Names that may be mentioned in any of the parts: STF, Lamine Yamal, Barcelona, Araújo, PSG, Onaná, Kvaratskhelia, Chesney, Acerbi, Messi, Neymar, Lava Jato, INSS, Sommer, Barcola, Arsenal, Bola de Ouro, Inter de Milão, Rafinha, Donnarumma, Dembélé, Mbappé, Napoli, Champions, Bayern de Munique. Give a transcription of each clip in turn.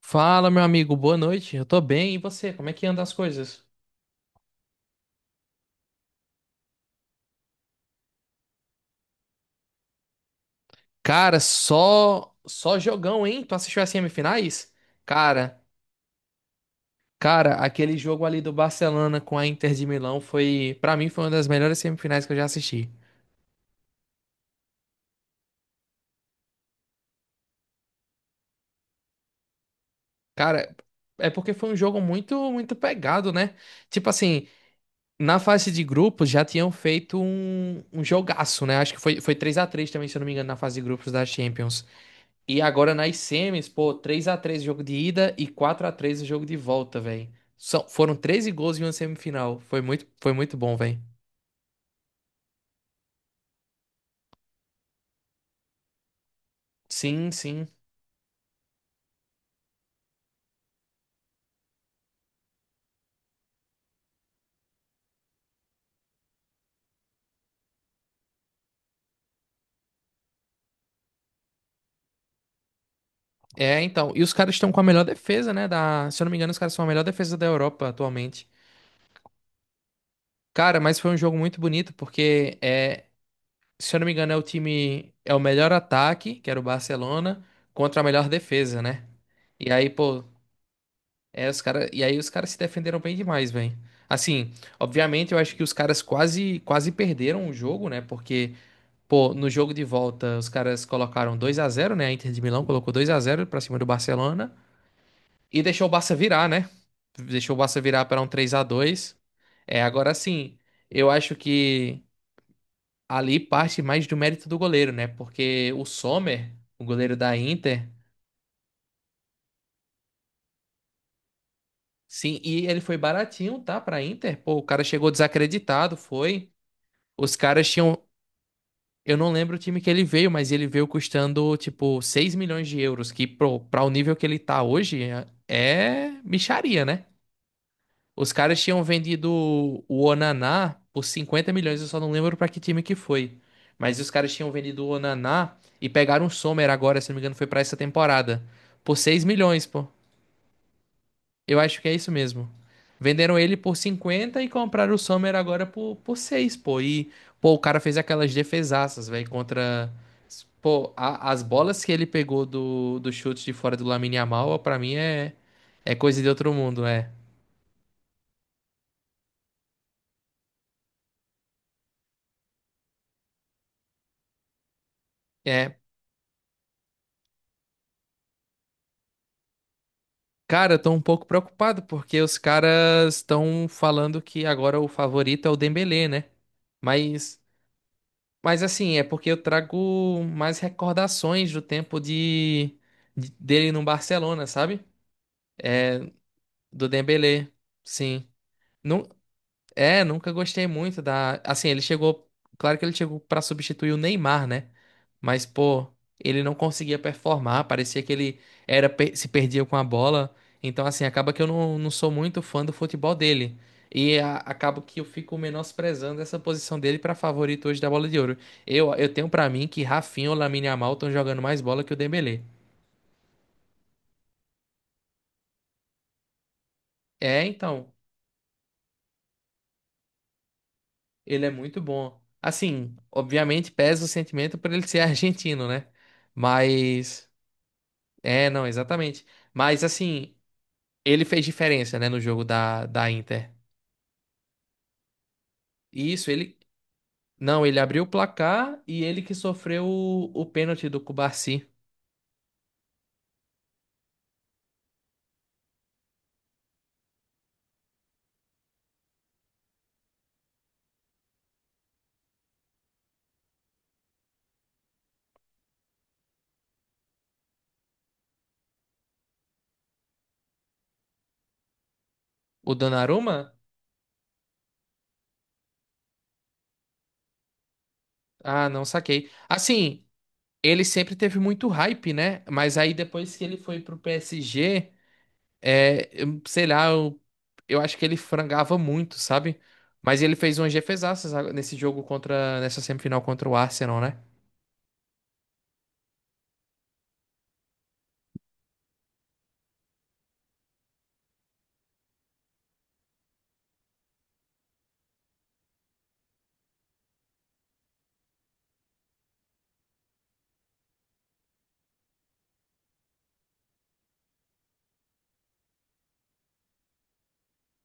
Fala, meu amigo, boa noite. Eu tô bem, e você? Como é que anda as coisas? Cara, só jogão, hein? Tu assistiu as semifinais? Cara, cara, aquele jogo ali do Barcelona com a Inter de Milão foi, pra mim, foi uma das melhores semifinais que eu já assisti. Cara, é porque foi um jogo muito muito pegado, né? Tipo assim, na fase de grupos já tinham feito um jogaço, né? Acho que foi 3-3 também, se eu não me engano, na fase de grupos da Champions. E agora nas semis, pô, 3-3 o jogo de ida e 4-3 o jogo de volta, velho. Foram 13 gols em uma semifinal. Foi muito bom, velho. Sim, sim. É, então. E os caras estão com a melhor defesa, né? Se eu não me engano, os caras são a melhor defesa da Europa atualmente. Cara, mas foi um jogo muito bonito, porque se eu não me engano, é o time. É o melhor ataque, que era o Barcelona, contra a melhor defesa, né? E aí, pô. E aí os caras se defenderam bem demais, velho. Assim, obviamente eu acho que os caras quase quase perderam o jogo, né? Porque, pô, no jogo de volta os caras colocaram 2-0, né? A Inter de Milão colocou 2-0 pra cima do Barcelona e deixou o Barça virar, né? Deixou o Barça virar para um 3-2. É, agora sim, eu acho que ali parte mais do mérito do goleiro, né? Porque o Sommer, o goleiro da Inter, sim, e ele foi baratinho, tá, pra Inter. Pô, o cara chegou desacreditado, foi. Os caras tinham. Eu não lembro o time que ele veio, mas ele veio custando, tipo, 6 milhões de euros, que pra o nível que ele tá hoje é mixaria, né? Os caras tinham vendido o Onaná por 50 milhões, eu só não lembro pra que time que foi. Mas os caras tinham vendido o Onaná e pegaram o Sommer agora, se não me engano, foi pra essa temporada, por 6 milhões, pô. Eu acho que é isso mesmo. Venderam ele por 50 e compraram o Sommer agora por 6, pô. E, pô, o cara fez aquelas defesaças, velho, contra. Pô, as bolas que ele pegou do chute de fora do Lamine Yamal, pra mim é coisa de outro mundo, é. É. Cara, eu tô um pouco preocupado porque os caras estão falando que agora o favorito é o Dembélé, né? Mas. Mas assim, é porque eu trago mais recordações do tempo de, dele no Barcelona, sabe? Do Dembélé, sim. É, nunca gostei muito da. Assim, ele chegou. Claro que ele chegou pra substituir o Neymar, né? Mas, pô, ele não conseguia performar. Parecia que ele se perdia com a bola. Então, assim, acaba que eu não sou muito fã do futebol dele. Acabo que eu fico menosprezando essa posição dele pra favorito hoje da Bola de Ouro. Eu tenho pra mim que Rafinha ou Lamine Yamal estão jogando mais bola que o Dembélé. É, então, ele é muito bom. Assim, obviamente pesa o sentimento por ele ser argentino, né? Mas. É, não, exatamente. Mas assim, ele fez diferença, né, no jogo da, da Inter. Isso, ele. Não, ele abriu o placar e ele que sofreu o pênalti do Cubarsi. O Donnarumma? Ah, não saquei. Assim, ele sempre teve muito hype, né? Mas aí depois que ele foi pro PSG, sei lá, eu acho que ele frangava muito, sabe? Mas ele fez umas defesaças nesse jogo nessa semifinal contra o Arsenal, né?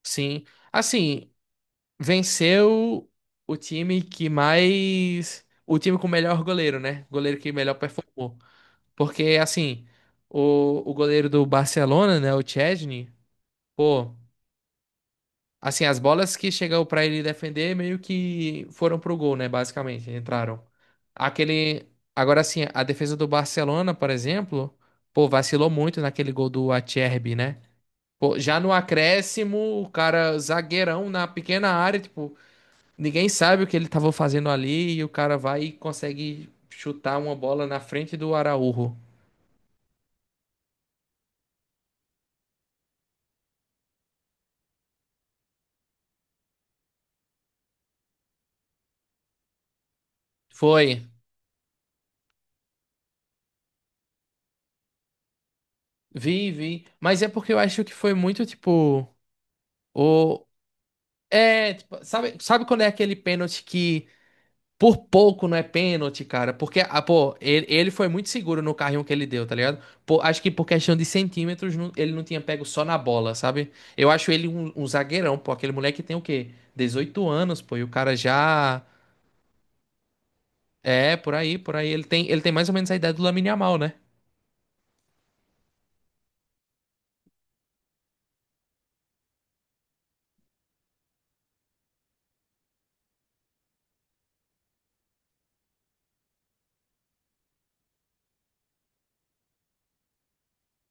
Sim. Assim, venceu o time que mais. O time com o melhor goleiro, né? Goleiro que melhor performou. Porque, assim, o goleiro do Barcelona, né? O Chesney, pô, assim, as bolas que chegou pra ele defender meio que foram pro gol, né? Basicamente, entraram. Aquele. Agora, assim, a defesa do Barcelona, por exemplo, pô, vacilou muito naquele gol do Acerbi, né? Pô, já no acréscimo, o cara zagueirão na pequena área, tipo. Ninguém sabe o que ele estava fazendo ali e o cara vai e consegue chutar uma bola na frente do Araújo. Foi. Vi, vi. Mas é porque eu acho que foi muito tipo. O... É, tipo, sabe quando é aquele pênalti que por pouco não é pênalti, cara? Porque, ah, pô, ele foi muito seguro no carrinho que ele deu, tá ligado? Pô, acho que por questão de centímetros ele não tinha pego só na bola, sabe? Eu acho ele um, um zagueirão, pô. Aquele moleque tem o quê? 18 anos, pô. E o cara já. É, por aí, por aí. Ele tem mais ou menos a ideia do Lamine Yamal, né?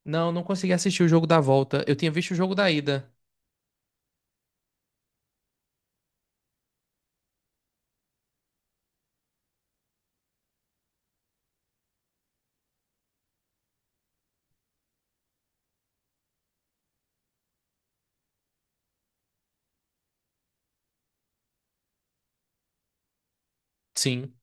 Não, não consegui assistir o jogo da volta. Eu tinha visto o jogo da ida. Sim.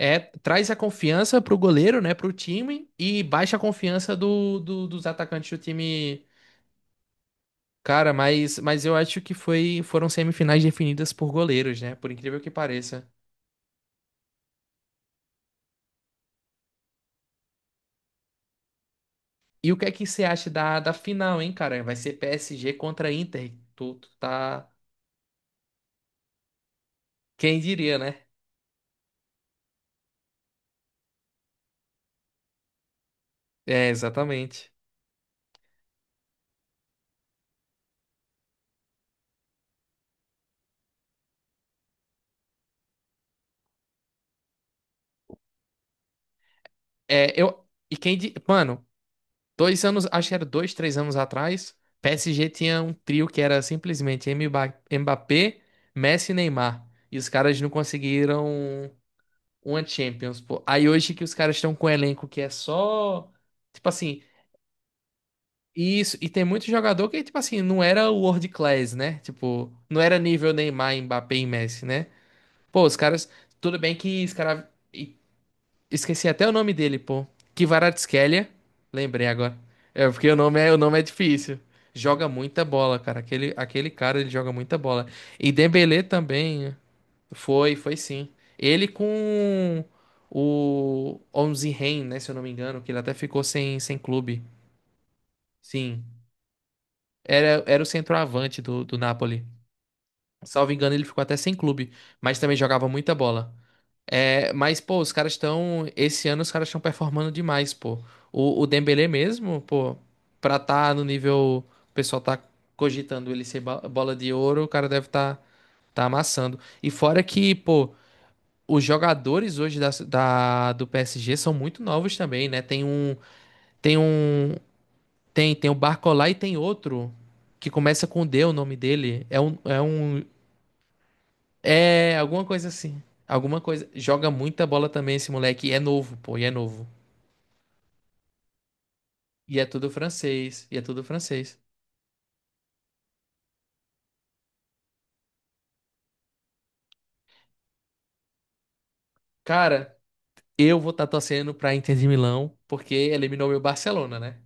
É, traz a confiança pro goleiro, né? Pro time e baixa a confiança dos atacantes do time. Cara, mas eu acho que foram semifinais definidas por goleiros, né? Por incrível que pareça. E o que é que você acha da, da final, hein, cara? Vai ser PSG contra Inter. Tu tá. Quem diria, né? É, exatamente. É, eu. E quem. Di- Mano. 2 anos, acho que era 2, 3 anos atrás, PSG tinha um trio que era simplesmente Mbappé, Messi e Neymar. E os caras não conseguiram uma Champions, pô. Aí hoje que os caras estão com um elenco que é só. Tipo assim, isso. E tem muito jogador que, tipo assim, não era world class, né? Tipo, não era nível Neymar, Mbappé e Messi, né? Pô, os caras. Tudo bem que os caras. Esqueci até o nome dele, pô. Kvaratskhelia. Lembrei agora. É porque o nome é difícil. Joga muita bola, cara. Aquele cara, ele joga muita bola. E Dembélé também, né? Foi, foi sim. Ele com o Onze Ren, né, se eu não me engano, que ele até ficou sem clube. Sim. Era o centroavante do Napoli. Salvo engano, ele ficou até sem clube, mas também jogava muita bola. É, mas, pô, os caras estão. Esse ano os caras estão performando demais, pô. O Dembélé mesmo, pô, pra tá no nível. O pessoal tá cogitando ele ser bola de ouro, o cara deve tá, tá amassando. E fora que, pô, os jogadores hoje da, do PSG são muito novos também, né? Tem um. Tem um. Tem o Barcola e tem outro. Que começa com D, o nome dele. Alguma coisa assim. Alguma coisa. Joga muita bola também esse moleque. E é novo, pô, e é novo. E é tudo francês. E é tudo francês. Cara, eu vou estar torcendo pra Inter de Milão, porque eliminou meu Barcelona, né?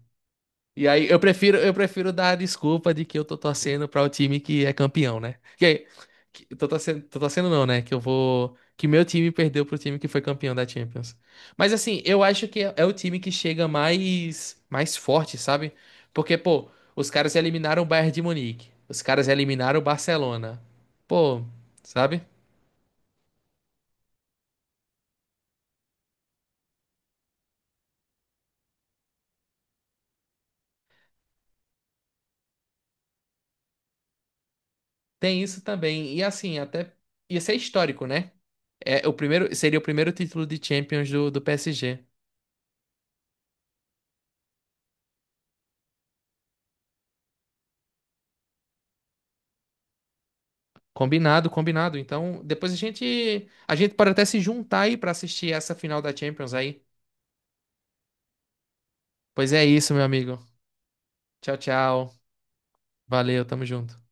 E aí eu prefiro dar a desculpa de que eu tô torcendo para o time que é campeão, né? Que aí, tô torcendo não, né? Que meu time perdeu pro time que foi campeão da Champions. Mas assim, eu acho que é o time que chega mais forte, sabe? Porque, pô, os caras eliminaram o Bayern de Munique, os caras eliminaram o Barcelona. Pô, sabe? Tem isso também. E assim, até ia ser histórico, né? É o primeiro, seria o primeiro título de Champions do PSG. Combinado, combinado. Então, depois a gente pode até se juntar aí pra assistir essa final da Champions aí. Pois é isso, meu amigo. Tchau, tchau. Valeu, tamo junto.